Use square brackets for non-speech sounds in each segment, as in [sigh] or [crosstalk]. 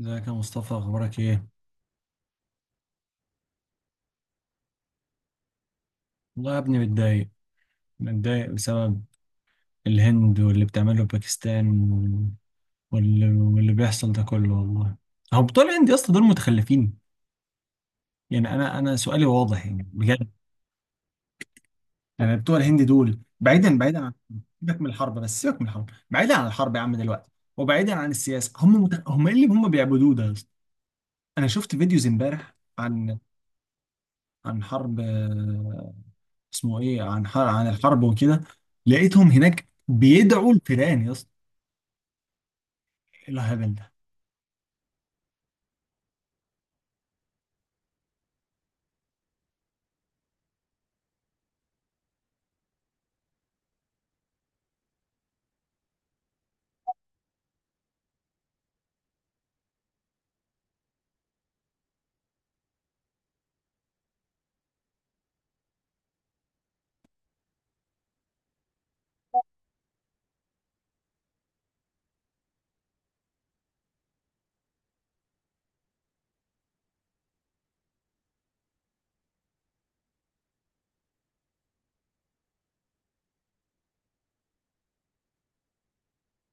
ازيك يا مصطفى؟ اخبارك ايه؟ والله يا ابني متضايق. متضايق بسبب الهند واللي بتعمله باكستان واللي بيحصل ده كله والله. هو بتوع الهند يا اسطى دول متخلفين. يعني انا سؤالي واضح يعني بجد. يعني بتوع الهند دول بعيدا عن، سيبك من الحرب، بس سيبك من الحرب، بعيدا عن الحرب يا عم دلوقتي، وبعيدا عن السياسه. هم ايه اللي هم بيعبدوه ده يا اسطى؟ انا شفت فيديوز امبارح عن، عن حرب، اسمه ايه، عن الحرب وكده. لقيتهم هناك بيدعوا الفيران يا اسطى. ايه الهبل ده؟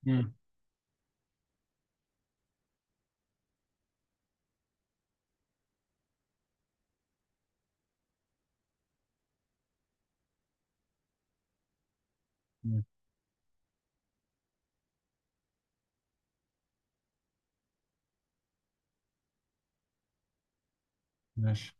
مم. مم. ماشي.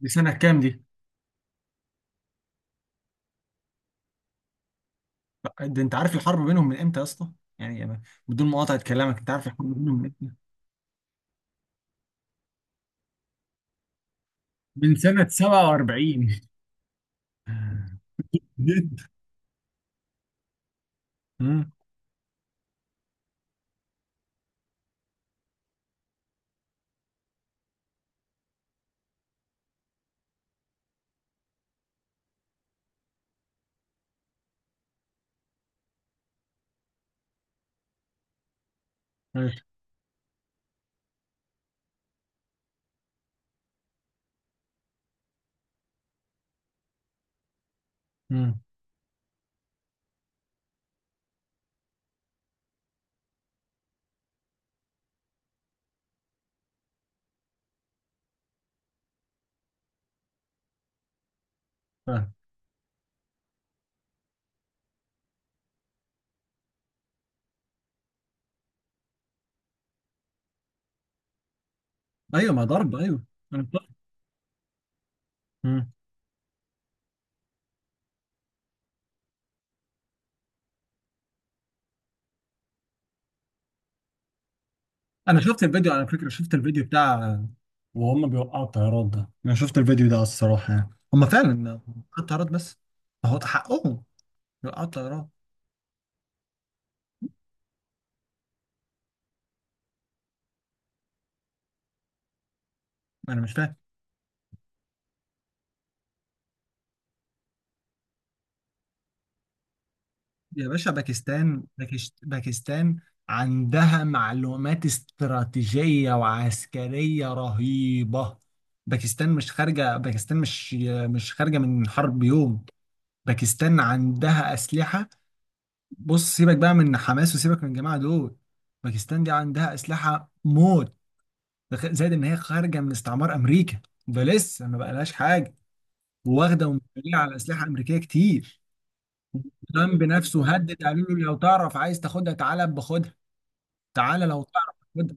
دي سنة كام دي؟ ده انت عارف الحرب بينهم من امتى يا اسطى؟ يعني أنا، بدون مقاطعة كلامك، انت عارف الحرب بينهم من امتى؟ من سنة 47. جد. امم أيوة. امم فاهم. ايوه، ما ضرب، ايوه. انا فاهم. امم انا شفت الفيديو على فكرة، شفت الفيديو بتاع وهم بيوقعوا الطيارات ده. انا شوفت الفيديو ده على الصراحة، يعني هم فعلا وقعوا الطيارات، بس هو ده حقهم. العطلة يا رب. أنا مش فاهم. يا باشا باكستان، باكستان عندها معلومات استراتيجية وعسكرية رهيبة. باكستان مش خارجة، باكستان مش، مش خارجة من حرب يوم. باكستان عندها أسلحة. بص سيبك بقى من حماس وسيبك من الجماعة دول. باكستان دي عندها أسلحة موت. زائد إن هي خارجة من استعمار أمريكا. ده لسه ما بقالهاش حاجة. واخدة ومتكلة على أسلحة أمريكية كتير. ترامب نفسه هدد، قالوا له لو تعرف عايز تاخدها تعالى باخدها، تعالى لو تعرف تاخدها.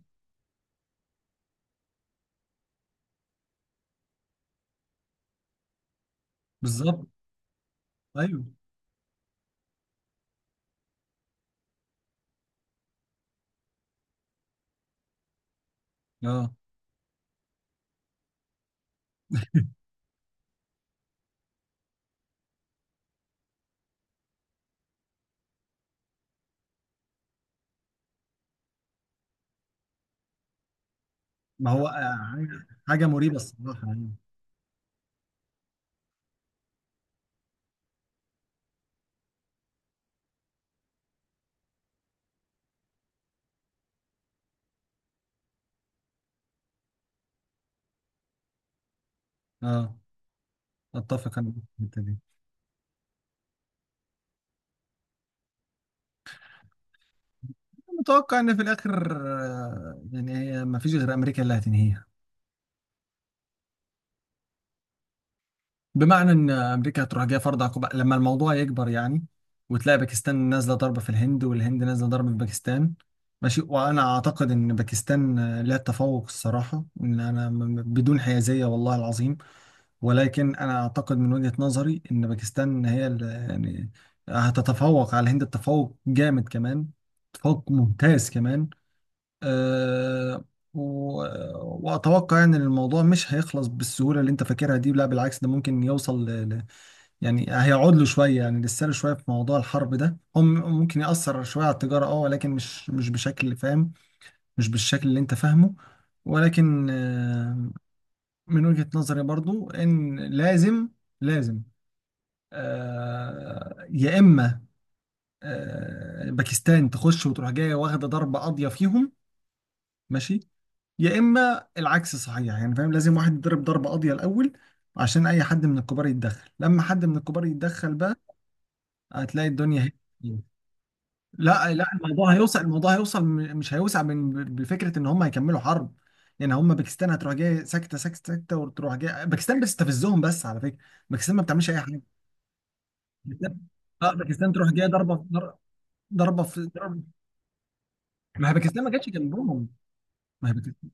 بالظبط. ايوه. اه. ما هو حاجه، حاجة مريبه الصراحه يعني. اه، اتفق انا في الحته دي. متوقع ان في الاخر يعني هي ما فيش غير امريكا اللي هتنهيها. بمعنى ان امريكا هتروح جايه فرض عقوبه لما الموضوع يكبر يعني، وتلاقي باكستان نازله ضربه في الهند، والهند نازله ضربه في باكستان. ماشي. وانا اعتقد ان باكستان لها تفوق الصراحه، ان انا بدون حيازيه والله العظيم. ولكن انا اعتقد من وجهة نظري ان باكستان هي يعني هتتفوق على الهند تفوق جامد كمان، تفوق ممتاز كمان. أه. و... واتوقع يعني ان الموضوع مش هيخلص بالسهوله اللي انت فاكرها دي. لا، بالعكس، ده ممكن يوصل يعني هيقعد له شويه، يعني لسانه شويه في موضوع الحرب ده، هم ممكن ياثر شويه على التجاره، اه، ولكن مش بشكل فاهم، مش بالشكل اللي انت فاهمه. ولكن من وجهة نظري برضو ان لازم، لازم، يا اما باكستان تخش وتروح جايه واخده ضربه قاضيه فيهم، ماشي، يا اما العكس صحيح يعني، فاهم؟ لازم واحد يضرب ضربه قاضيه الاول عشان اي حد من الكبار يتدخل. لما حد من الكبار يتدخل بقى هتلاقي الدنيا، هي. لا لا، الموضوع هيوصل، الموضوع هيوصل، مش هيوسع، من بفكره ان هم هيكملوا حرب. يعني هم، باكستان هتروح جايه ساكته ساكته ساكته، وتروح جايه. باكستان بتستفزهم بس على فكره، باكستان ما بتعملش اي حاجه. باكستان- اه باكستان تروح جايه ضربه، ضربه في ضربه. ما هي باكستان ما جاتش جنبهم. ما هي باكستان.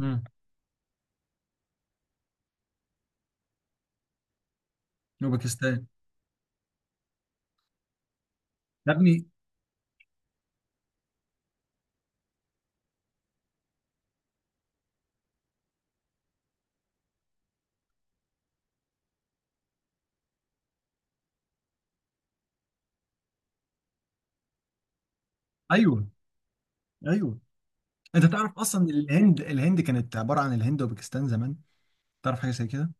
امم وباكستان يا ابني. ايوه. ايوه. انت تعرف اصلا إن الهند، الهند كانت عباره عن الهند وباكستان زمان؟ تعرف حاجه زي كده؟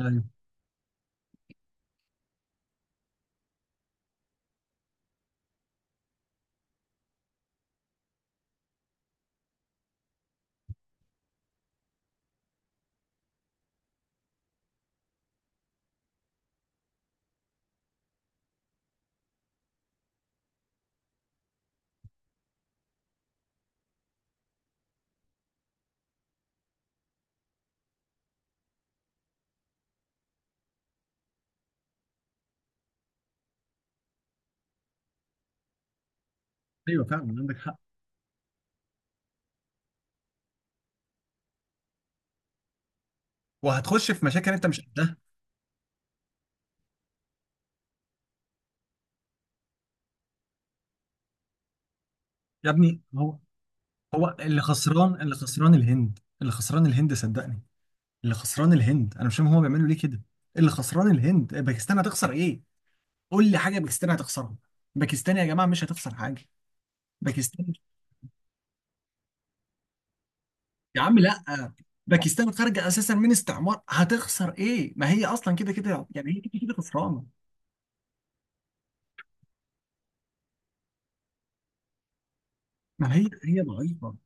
ايوه. ايوه فعلا عندك حق. وهتخش في مشاكل انت مش قدها. يا ابني هو، هو اللي خسران، اللي خسران الهند، اللي خسران الهند صدقني. اللي خسران الهند، انا مش فاهم هما بيعملوا ليه كده. اللي خسران الهند. باكستان هتخسر ايه؟ قول لي حاجه باكستان هتخسرها. باكستان يا جماعه مش هتخسر حاجه. باكستان يا عم لا، باكستان خارجه اساسا من استعمار، هتخسر ايه؟ ما هي اصلا كده كده يعني، هي كده كده خسرانه. ما هي هي ضعيفه.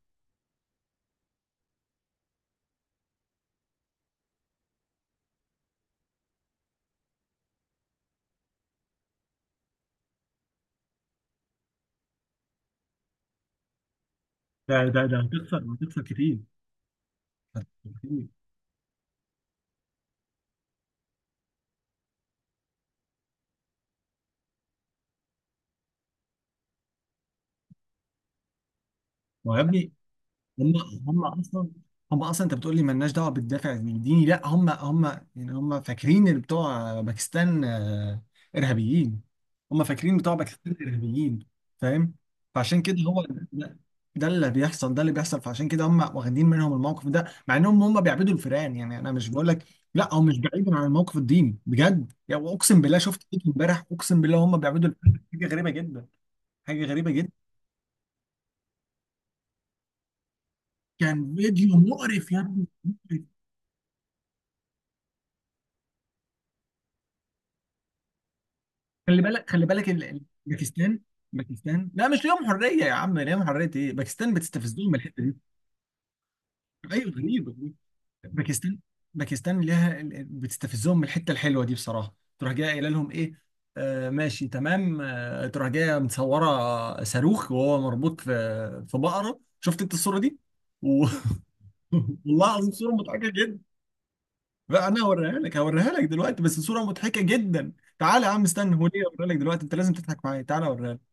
ده هتخسر، هتخسر كتير. هتخسر كتير. ما هو يا ابني، هم، هم اصلا، هم اصلا، انت بتقول لي مالناش دعوه بالدافع الديني، لا هم، هم، يعني هم فاكرين اللي بتوع باكستان ارهابيين. هم فاكرين بتوع باكستان ارهابيين، فاهم؟ فعشان كده هو ده, ده اللي بيحصل، ده اللي بيحصل، فعشان كده هم واخدين منهم الموقف ده، مع انهم هم بيعبدوا الفئران. يعني انا مش بقول لك، لا هو مش بعيد عن الموقف الديني بجد، يعني اقسم بالله شفت فيديو امبارح اقسم بالله هم بيعبدوا الفئران. حاجه غريبه جدا، حاجه غريبه جدا. كان فيديو مقرف يا ابني. خلي بالك، خلي بالك باكستان، باكستان، لا مش ليهم حريه يا عم، ليهم حريه ايه، باكستان بتستفزهم من الحته دي. ايوه غريب. باكستان، باكستان ليها بتستفزهم من الحته الحلوه دي بصراحه. تروح جايه قايله لهم ايه؟ آه ماشي تمام، آه تروح جايه متصوره صاروخ وهو مربوط في، في بقره، شفت انت الصوره دي؟ و- [laughs] والله العظيم صوره مضحكه جدا. بقى انا هوريها لك، هوريها لك دلوقتي، بس صوره مضحكه جدا. تعالى يا عم استنى، هو ليه هوريها لك دلوقتي، انت لازم تضحك معايا، تعالى اوريها.